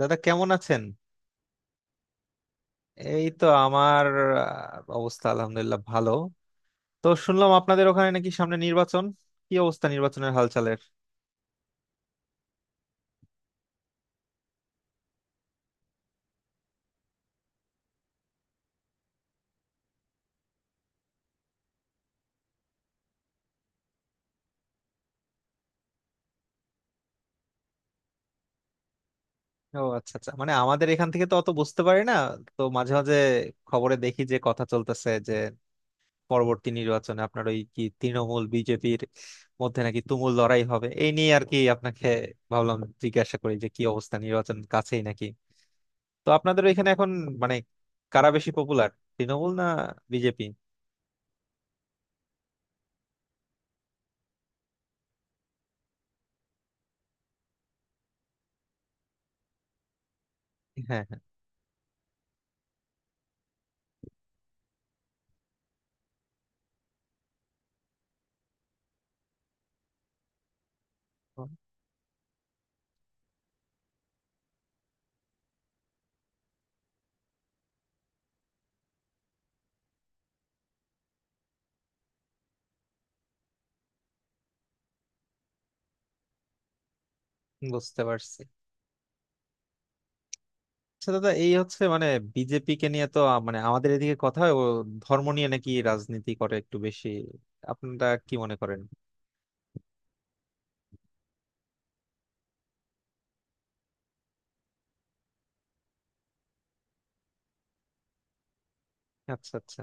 দাদা, কেমন আছেন? এই তো আমার অবস্থা আলহামদুলিল্লাহ ভালো। তো শুনলাম আপনাদের ওখানে নাকি সামনে নির্বাচন। কি অবস্থা নির্বাচনের হালচালের? ও আচ্ছা আচ্ছা, মানে আমাদের এখান থেকে তো অত বুঝতে পারি না। তো মাঝে মাঝে খবরে দেখি যে কথা চলতেছে, যে পরবর্তী নির্বাচনে আপনার ওই কি তৃণমূল বিজেপির মধ্যে নাকি তুমুল লড়াই হবে। এই নিয়ে আর কি আপনাকে ভাবলাম জিজ্ঞাসা করি যে কি অবস্থা, নির্বাচন কাছেই নাকি? তো আপনাদের ওইখানে এখন মানে কারা বেশি পপুলার? তৃণমূল না বিজেপি? হ্যাঁ, হ্যাঁ, বুঝতে পারছি। আচ্ছা দাদা, এই হচ্ছে মানে বিজেপি কে নিয়ে তো মানে আমাদের এদিকে কথা হয়, ও ধর্ম নিয়ে নাকি রাজনীতি করে একটু বেশি। আপনারা কি মনে করেন? আচ্ছা আচ্ছা,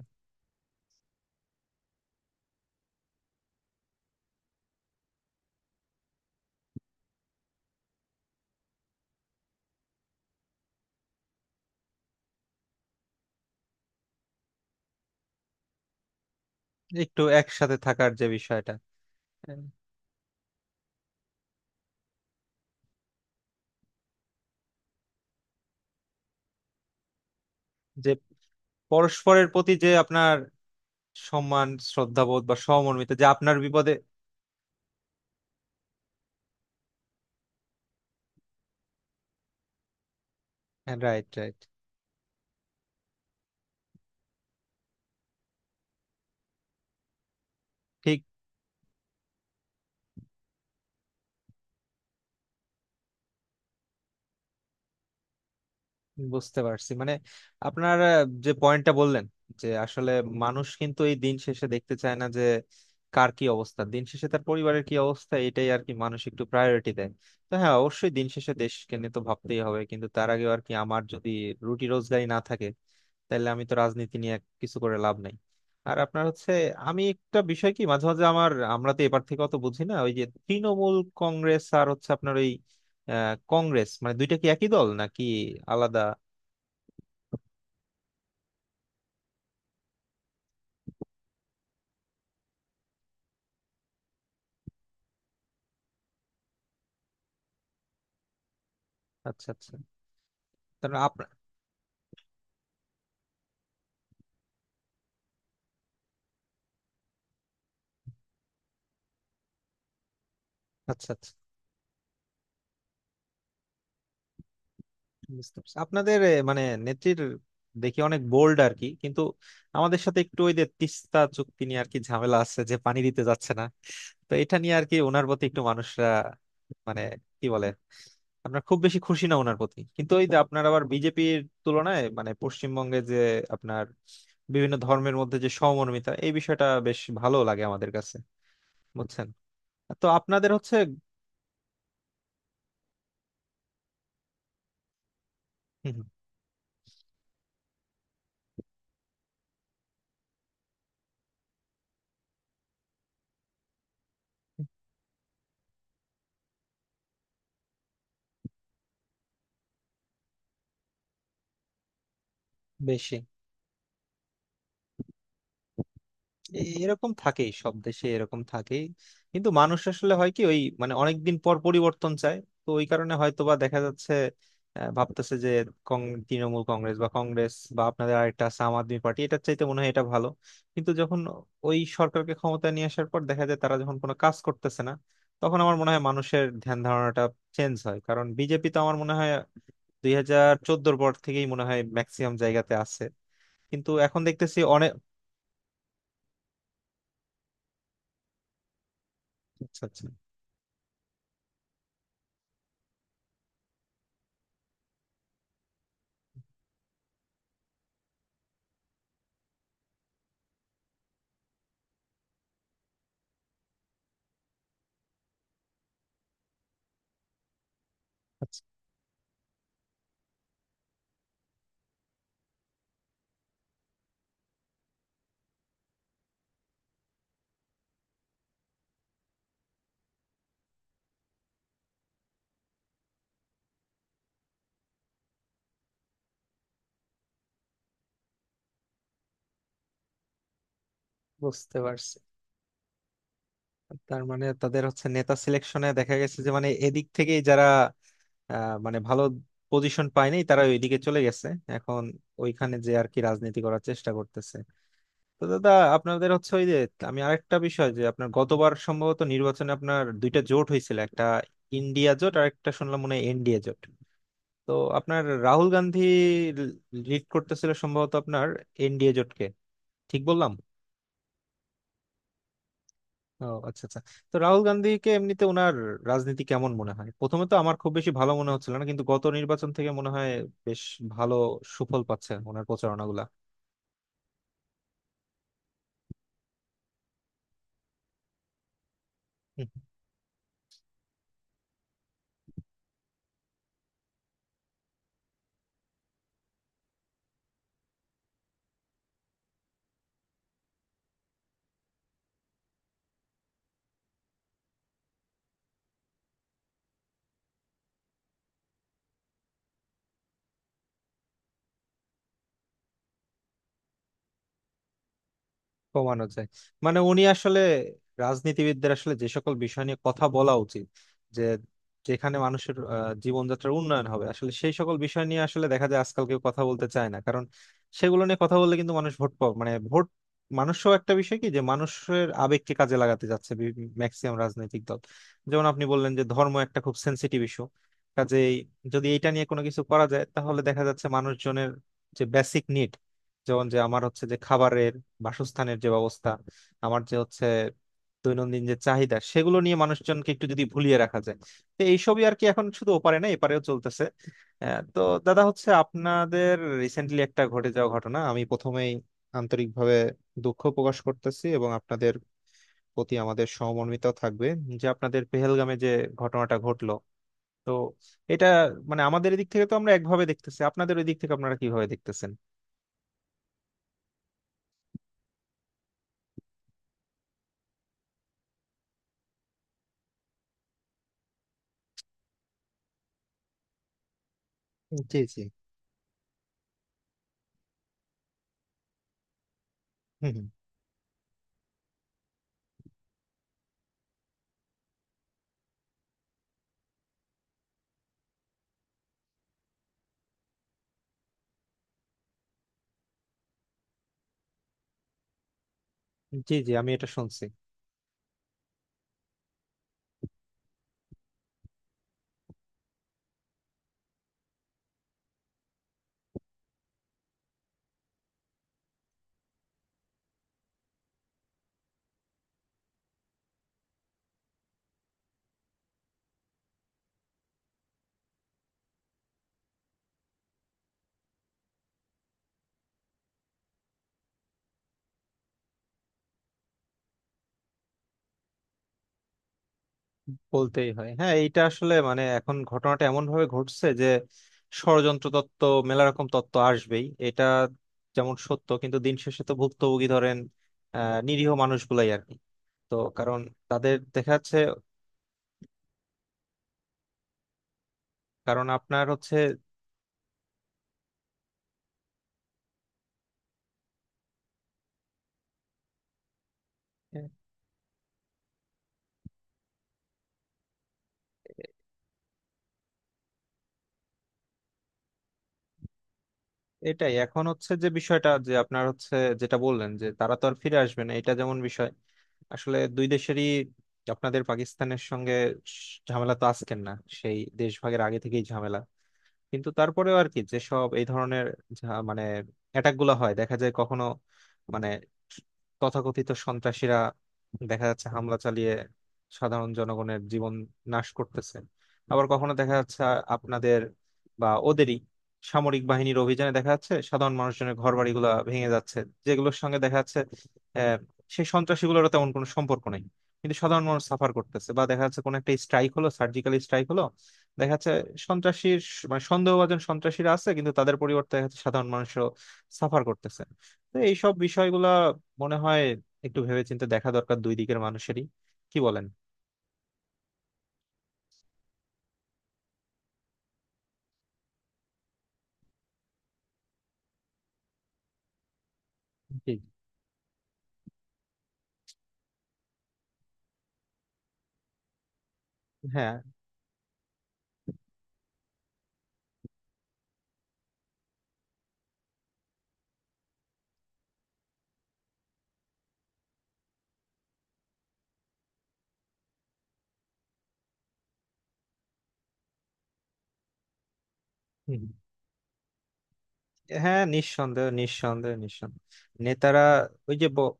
একটু একসাথে থাকার যে বিষয়টা। হ্যাঁ। যে পরস্পরের প্রতি, যে আপনার সম্মান, শ্রদ্ধাবোধ বা সহমর্মিতা, যে আপনার বিপদে। Right, right. ঠিক। বুঝতে পারছি, মানে আপনার যে পয়েন্টটা বললেন, যে আসলে মানুষ কিন্তু এই দিন শেষে দেখতে চায় না যে কার কি অবস্থা, দিন শেষে তার পরিবারের কি অবস্থা এটাই আর কি মানুষ একটু প্রায়োরিটি দেয়। তো হ্যাঁ, অবশ্যই দিন শেষে দেশকে নিয়ে তো ভাবতেই হবে, কিন্তু তার আগে আর কি আমার যদি রুটি রোজগারি না থাকে তাহলে আমি তো রাজনীতি নিয়ে কিছু করে লাভ নাই। আর আপনার হচ্ছে, আমি একটা বিষয় কি মাঝে মাঝে আমরা তো এবার থেকে অত বুঝি না, ওই যে তৃণমূল কংগ্রেস আর হচ্ছে আপনার ওই কংগ্রেস, মানে দুইটা কি একই দল নাকি আলাদা? আচ্ছা আচ্ছা, তারপর আপনার। আচ্ছা আচ্ছা, বুঝতে পারছি আপনাদের মানে নেত্রীর দেখি অনেক বোল্ড আর কি, কিন্তু আমাদের সাথে একটু ওই যে তিস্তা চুক্তি নিয়ে আর কি ঝামেলা আছে, যে পানি দিতে যাচ্ছে না। তো এটা নিয়ে আর কি ওনার প্রতি একটু মানুষরা মানে কি বলে, আমরা খুব বেশি খুশি না ওনার প্রতি, কিন্তু ওই যে আপনার আবার বিজেপির তুলনায় মানে পশ্চিমবঙ্গে যে আপনার বিভিন্ন ধর্মের মধ্যে যে সমমর্মিতা এই বিষয়টা বেশ ভালো লাগে আমাদের কাছে, বুঝছেন? তো আপনাদের হচ্ছে। হুম, হুম। বেশি। এরকম থাকেই, সব দেশে এরকম থাকেই। কিন্তু মানুষ আসলে হয় কি ওই মানে অনেকদিন পর পরিবর্তন চায়। তো ওই কারণে হয়তোবা দেখা যাচ্ছে ভাবতেছে যে তৃণমূল কংগ্রেস বা কংগ্রেস বা আপনাদের আরেকটা আছে আম আদমি পার্টি, এটার চাইতে মনে হয় এটা ভালো। কিন্তু যখন ওই সরকারকে ক্ষমতা নিয়ে আসার পর দেখা যায় তারা যখন কোনো কাজ করতেছে না, তখন আমার মনে হয় মানুষের ধ্যান ধারণাটা চেঞ্জ হয়। কারণ বিজেপি তো আমার মনে হয় 2014-র পর থেকেই মনে হয় ম্যাক্সিমাম জায়গাতে আছে, কিন্তু এখন দেখতেছি অনেক। আচ্ছা আচ্ছা। বুঝতে পারছি। তার মানে তাদের হচ্ছে নেতা সিলেকশনে দেখা গেছে যে মানে এদিক থেকেই যারা মানে ভালো পজিশন পায়নি তারা ওইদিকে চলে গেছে। এখন ওইখানে যে আর কি রাজনীতি করার চেষ্টা করতেছে। তো দাদা, আপনাদের হচ্ছে ওই যে, আমি আরেকটা বিষয় যে আপনার গতবার সম্ভবত নির্বাচনে আপনার দুইটা জোট হয়েছিল, একটা ইন্ডিয়া জোট আর একটা শুনলাম মনে হয় এনডিএ জোট। তো আপনার রাহুল গান্ধী লিড করতেছিল সম্ভবত আপনার এনডিএ জোটকে, ঠিক বললাম? ও আচ্ছা আচ্ছা। তো রাহুল গান্ধীকে এমনিতে ওনার রাজনীতি কেমন মনে হয়? প্রথমে তো আমার খুব বেশি ভালো মনে হচ্ছিল না, কিন্তু গত নির্বাচন থেকে মনে হয় বেশ ভালো সুফল পাচ্ছে ওনার প্রচারণাগুলা। কমানো যায়। মানে উনি আসলে রাজনীতিবিদদের আসলে যে সকল বিষয় নিয়ে কথা বলা উচিত, যে যেখানে মানুষের জীবনযাত্রার উন্নয়ন হবে, আসলে সেই সকল বিষয় নিয়ে আসলে দেখা যায় আজকাল কেউ কথা বলতে চায় না, কারণ সেগুলো নিয়ে কথা বললে কিন্তু মানুষ ভোট পাবে মানে ভোট। মানুষও একটা বিষয় কি যে মানুষের আবেগকে কাজে লাগাতে যাচ্ছে ম্যাক্সিমাম রাজনৈতিক দল। যেমন আপনি বললেন যে ধর্ম একটা খুব সেন্সিটিভ ইস্যু, কাজেই যদি এটা নিয়ে কোনো কিছু করা যায়, তাহলে দেখা যাচ্ছে মানুষজনের যে বেসিক নিড, যেমন যে আমার হচ্ছে যে খাবারের, বাসস্থানের যে ব্যবস্থা, আমার যে হচ্ছে দৈনন্দিন যে চাহিদা, সেগুলো নিয়ে মানুষজনকে একটু যদি ভুলিয়ে রাখা যায়। তো এইসবই আর কি এখন শুধু ওপারে না এপারেও চলতেছে। তো দাদা, হচ্ছে আপনাদের রিসেন্টলি একটা ঘটে যাওয়া ঘটনা, আমি প্রথমেই আন্তরিকভাবে দুঃখ প্রকাশ করতেছি, এবং আপনাদের প্রতি আমাদের সহমর্মিতাও থাকবে। যে আপনাদের পেহেলগামে যে ঘটনাটা ঘটলো, তো এটা মানে আমাদের এদিক থেকে তো আমরা একভাবে দেখতেছি, আপনাদের ওই দিক থেকে আপনারা কিভাবে দেখতেছেন? জি, জি। হুম, হুম। জি, জি, আমি এটা শুনছি। বলতেই হয়, হ্যাঁ। এইটা আসলে মানে এখন ঘটনাটা এমন ভাবে ঘটছে যে ষড়যন্ত্র তত্ত্ব, মেলা রকম তত্ত্ব আসবেই। এটা যেমন সত্য, কিন্তু দিন শেষে তো ভুক্তভোগী ধরেন নিরীহ মানুষগুলাই আর কি। তো কারণ তাদের দেখা যাচ্ছে, কারণ আপনার হচ্ছে। আহ, এটাই এখন হচ্ছে যে বিষয়টা, যে আপনার হচ্ছে যেটা বললেন যে তারা তো আর ফিরে আসবে না, এটা যেমন বিষয়। আসলে দুই দেশেরই, আপনাদের পাকিস্তানের সঙ্গে ঝামেলা তো আজকের না, সেই দেশ ভাগের আগে থেকেই ঝামেলা। কিন্তু তারপরেও আর কি যেসব এই ধরনের মানে অ্যাটাক গুলো হয় দেখা যায় কখনো মানে তথাকথিত সন্ত্রাসীরা দেখা যাচ্ছে হামলা চালিয়ে সাধারণ জনগণের জীবন নাশ করতেছে। আবার কখনো দেখা যাচ্ছে আপনাদের বা ওদেরই সামরিক বাহিনীর অভিযানে দেখা যাচ্ছে সাধারণ মানুষজনের ঘর বাড়িগুলা ভেঙে যাচ্ছে, যেগুলোর সঙ্গে দেখা যাচ্ছে আহ সেই সন্ত্রাসীগুলোর তেমন কোনো সম্পর্ক নেই, কিন্তু সাধারণ মানুষ সাফার করতেছে। বা দেখা যাচ্ছে কোনো একটা স্ট্রাইক হলো, সার্জিক্যাল স্ট্রাইক হলো, দেখা যাচ্ছে মানে সন্দেহভাজন সন্ত্রাসীরা আছে কিন্তু তাদের পরিবর্তে দেখা যাচ্ছে সাধারণ মানুষও সাফার করতেছে। তো এইসব বিষয়গুলা মনে হয় একটু ভেবেচিন্তে দেখা দরকার দুই দিকের মানুষেরই, কি বলেন? জি। হ্যাঁ। হুম। হ্যাঁ, নিঃসন্দেহ, নিঃসন্দেহ, নিঃসন্দেহ। নেতারা ওই যে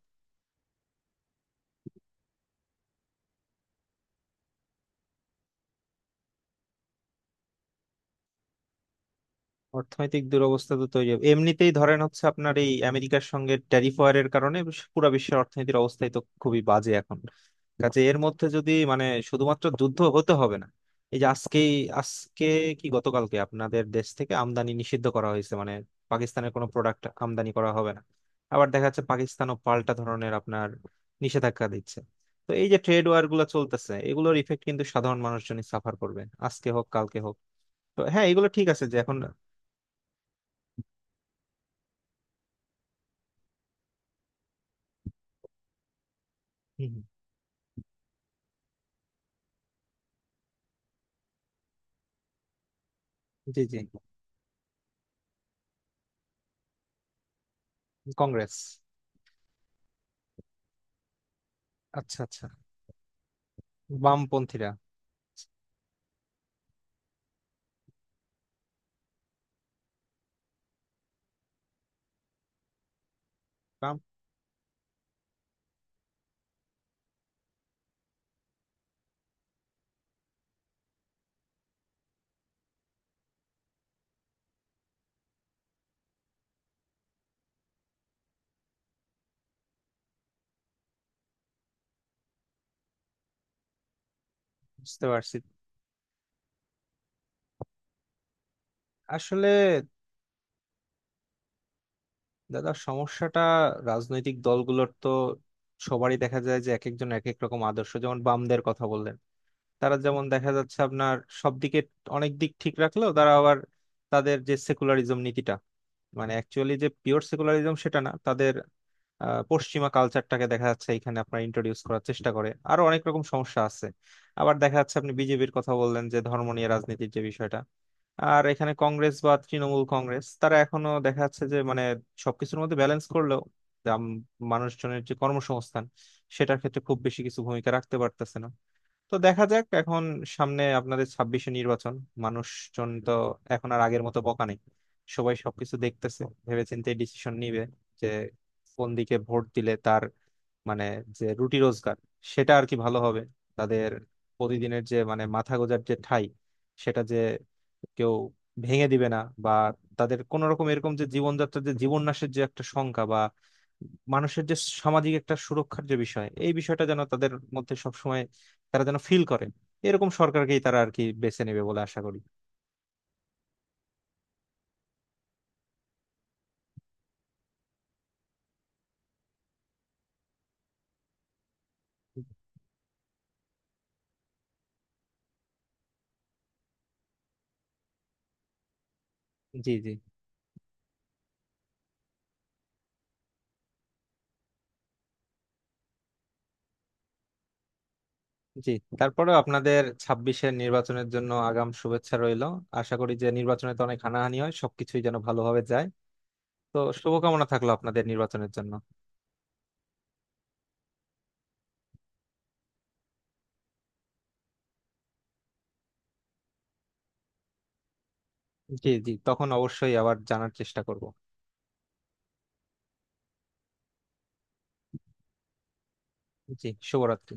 অর্থনৈতিক দুরবস্থা তো তৈরি হবে। এমনিতেই ধরেন হচ্ছে আপনার এই আমেরিকার সঙ্গে ট্যারিফ ওয়ারের কারণে পুরো বিশ্বের অর্থনীতির অবস্থাই তো খুবই বাজে এখন। কাজে এর মধ্যে যদি মানে শুধুমাত্র যুদ্ধ হতে হবে না, এই যে আজকেই আজকে কি গতকালকে আপনাদের দেশ থেকে আমদানি নিষিদ্ধ করা হয়েছে, মানে পাকিস্তানের কোনো প্রোডাক্ট আমদানি করা হবে না। আবার দেখা যাচ্ছে পাকিস্তানও পাল্টা ধরনের আপনার নিষেধাজ্ঞা দিচ্ছে। তো এই যে ট্রেড ওয়ার গুলো চলতেছে, এগুলোর ইফেক্ট কিন্তু সাধারণ মানুষজনই সাফার করবে আজকে হোক কালকে হোক। তো হ্যাঁ, এগুলো ঠিক আছে যে এখন। হুম, হুম। জি, জি। কংগ্রেস। আচ্ছা আচ্ছা। বামপন্থীরা। বাম। বুঝতে পারছি। আসলে দাদা সমস্যাটা রাজনৈতিক দলগুলোর তো সবারই দেখা যায় যে এক একজন এক এক রকম আদর্শ, যেমন বামদের কথা বললেন, তারা যেমন দেখা যাচ্ছে আপনার সব দিকে অনেক দিক ঠিক রাখলেও তারা আবার তাদের যে সেকুলারিজম নীতিটা, মানে অ্যাকচুয়ালি যে পিওর সেকুলারিজম সেটা না তাদের, পশ্চিমা কালচারটাকে দেখা যাচ্ছে এখানে আপনার ইন্ট্রোডিউস করার চেষ্টা করে আরো অনেক রকম সমস্যা আছে। আবার দেখা যাচ্ছে আপনি বিজেপির কথা বললেন যে ধর্ম নিয়ে রাজনীতির যে বিষয়টা, আর এখানে কংগ্রেস বা তৃণমূল কংগ্রেস তারা এখনো দেখা যাচ্ছে যে মানে সবকিছুর মধ্যে ব্যালেন্স করলেও যে মানুষজনের যে কর্মসংস্থান সেটার ক্ষেত্রে খুব বেশি কিছু ভূমিকা রাখতে পারতেছে না। তো দেখা যাক এখন, সামনে আপনাদের ছাব্বিশে নির্বাচন, মানুষজন তো এখন আর আগের মতো বকা নেই, সবাই সবকিছু দেখতেছে ভেবেচিন্তে ডিসিশন নিবে যে কোন দিকে ভোট দিলে তার মানে যে রুটি রোজগার সেটা আর কি ভালো হবে, তাদের প্রতিদিনের যে মানে মাথা গোঁজার যে ঠাই সেটা যে কেউ ভেঙে দিবে না, বা তাদের কোন রকম এরকম যে জীবনযাত্রার যে জীবন্যাসের যে একটা সংখ্যা বা মানুষের যে সামাজিক একটা সুরক্ষার যে বিষয় এই বিষয়টা যেন তাদের মধ্যে সবসময় তারা যেন ফিল করে, এরকম সরকারকেই তারা আর কি বেছে নেবে বলে আশা করি। জি, জি। জি। তারপরে আপনাদের ছাব্বিশের নির্বাচনের জন্য আগাম শুভেচ্ছা রইল। আশা করি যে নির্বাচনে তো অনেক হানাহানি হয়, সবকিছুই যেন ভালোভাবে যায়। তো শুভকামনা থাকলো আপনাদের নির্বাচনের জন্য। জি, জি, তখন অবশ্যই আবার জানার চেষ্টা করব। জি, শুভরাত্রি।